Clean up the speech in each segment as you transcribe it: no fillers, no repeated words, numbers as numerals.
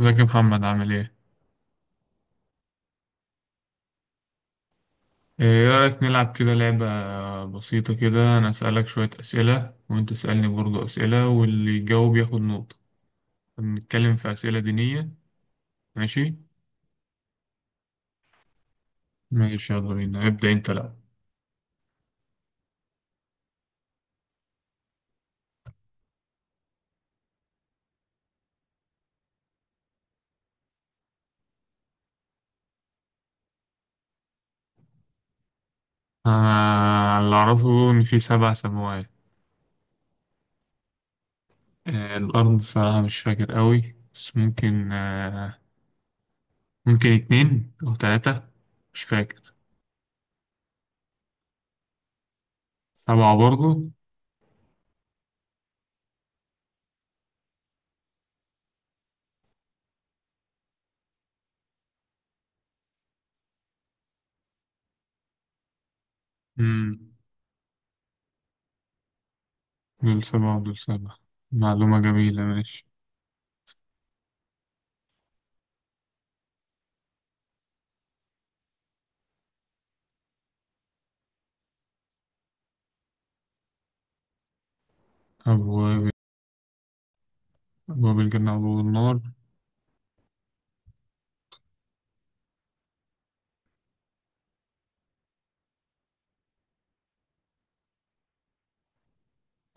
ازيك يا محمد، عامل ايه؟ ايه رأيك نلعب كده لعبة بسيطة كده؟ انا اسألك شوية اسئلة وانت تسألني برضو اسئلة، واللي يجاوب ياخد نقطة. نتكلم في اسئلة دينية، ماشي؟ ماشي يلا بينا، ابدأ انت. لا. آه، اللي اعرفه ان في سبع سماوات. آه الارض الصراحة مش فاكر قوي، بس ممكن ممكن اتنين او تلاتة. مش فاكر. سبعة برضو. مم. دول سبعة ودول سبعة. معلومة جميلة، ماشي. أبواب أبواب بالجنة وأبواب النار.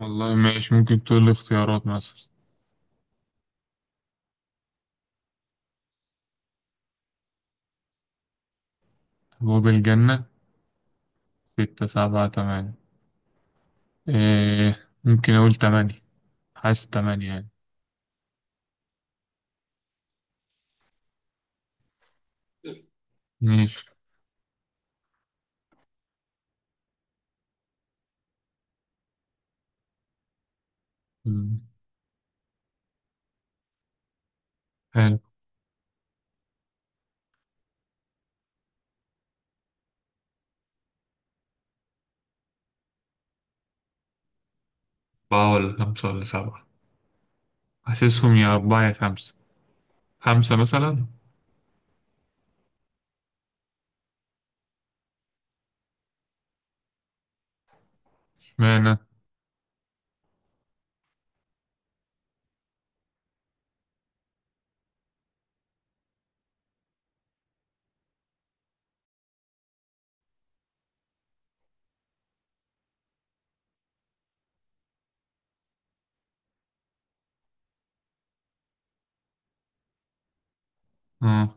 والله ماشي، ممكن تقول لي اختيارات مثلا. أبواب الجنة، ستة سبعة تمانية. إيه، ممكن أقول تمانية. حاسس تمانية يعني. ماشي. مم. حلو. أربعة ولا خمسة ولا سبعة. حاسسهم يا أربعة يا خمسة. خمسة مثلا. اشمعنى. اه.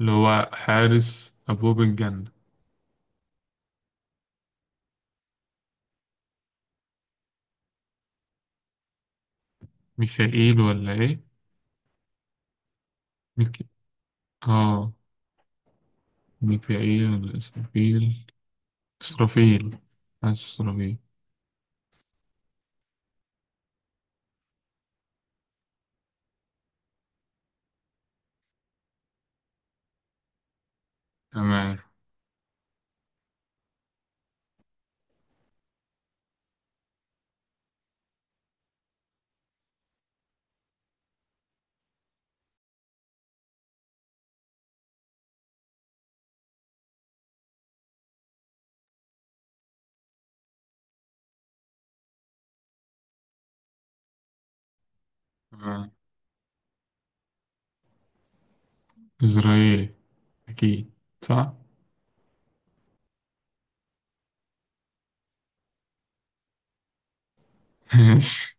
اللي هو حارس أبواب الجنة. ميكائيل ولا إيه؟ ميك... اه، ميكائيل ولا إسرافيل. إسرافيل. حاسس إسرافيل. تمام. تمام. إسرائيل، أكيد. صح؟ ماشي.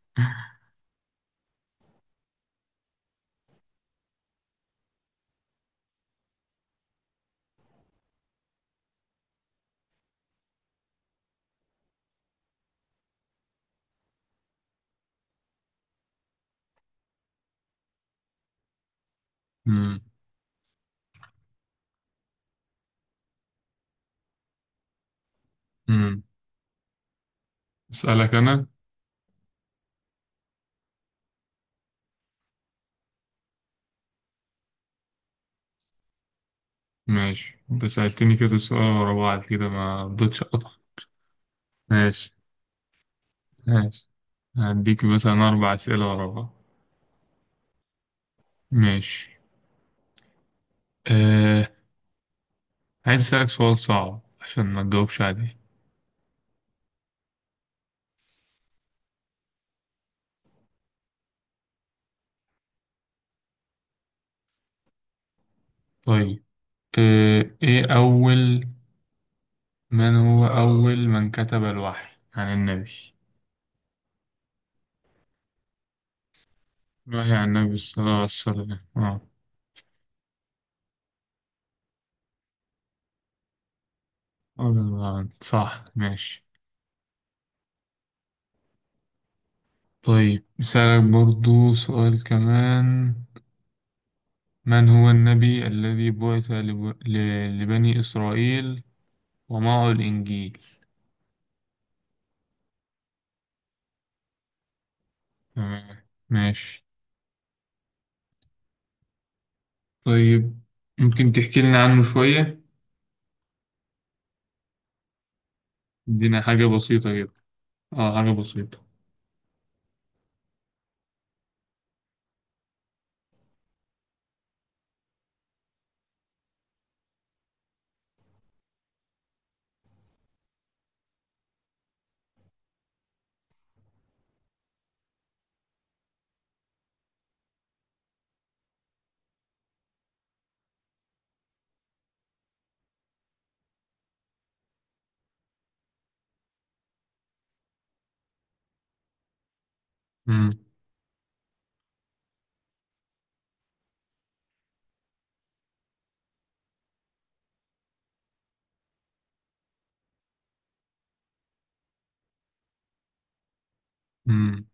مم. مم. أسألك أنا. ماشي، أنت سألتني كذا سؤال ورا بعض كده ما رضيتش أقطع. ماشي. ماشي. هديك مثلا أربع أسئلة ورا بعض. ماشي. أه... عايز أسألك سؤال صعب عشان ما تجاوبش عليه. طيب. أه... إيه أول من هو أول من كتب الوحي عن النبي؟ الوحي عن النبي صلى الله عليه وسلم، صح، ماشي. طيب، بسألك برضو سؤال كمان. من هو النبي الذي بعث لبني إسرائيل ومعه الإنجيل؟ تمام ماشي. طيب، ممكن تحكي لنا عنه شوية؟ ادينا حاجة بسيطة كده. اه، حاجة بسيطة. مم. مم.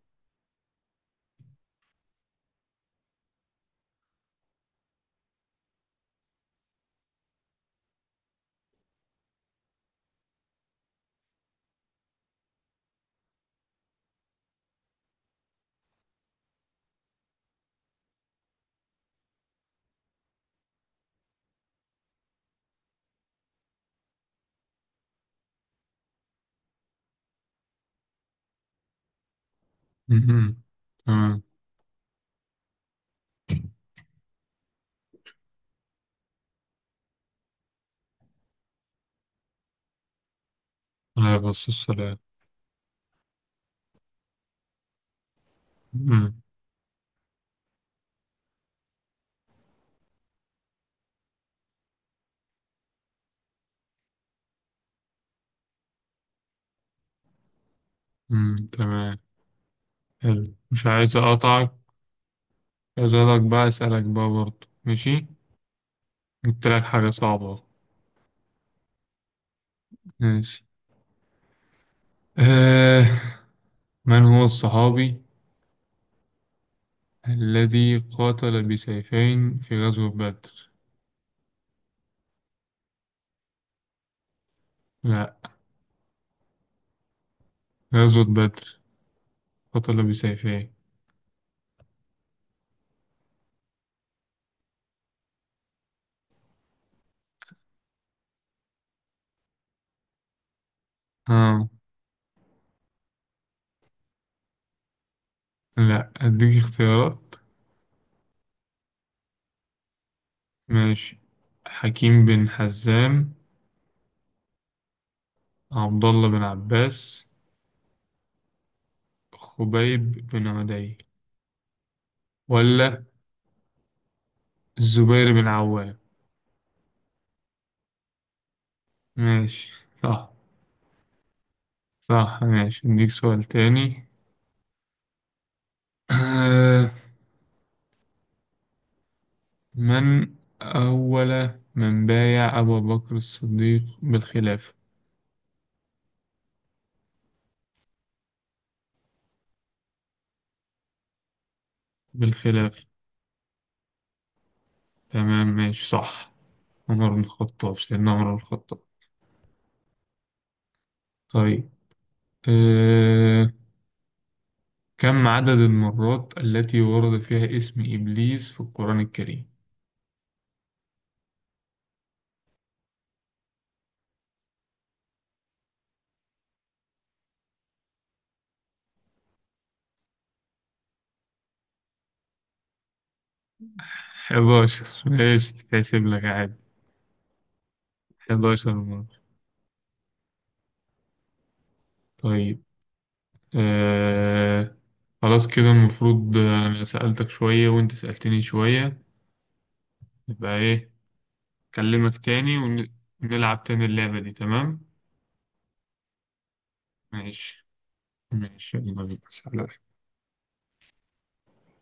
مم. تمام. عليه الصلاة والسلام. مم. مم. تمام. حلو، مش عايز أقطعك. عايز أقولك بقى، أسألك بقى برضو، ماشي. جبت لك حاجة صعبة. ماشي. آه. من هو الصحابي الذي قاتل بسيفين في غزوة بدر؟ لا، غزوة بدر، قاتل بسيفين. آه لا، أديك اختيارات. ماشي. حكيم بن حزام، عبد الله بن عباس، خبيب بن عدي، ولا الزبير بن عوام. ماشي، صح. صح، ماشي، أديك سؤال تاني. آه. من أول من بايع أبو بكر الصديق بالخلافة؟ بالخلاف. تمام ماشي، صح. عمر بن الخطاب، سيدنا عمر بن الخطاب. طيب. أه... كم عدد المرات التي ورد فيها اسم إبليس في القرآن الكريم؟ 11، ماشي تحسب لك عادي. 11 مرة. طيب. أه... خلاص كده المفروض أنا سألتك شوية وأنت سألتني شوية. يبقى إيه؟ أكلمك تاني، ونلعب تاني اللعبة دي، تمام؟ ماشي. ماشي، يلا بينا. سلام.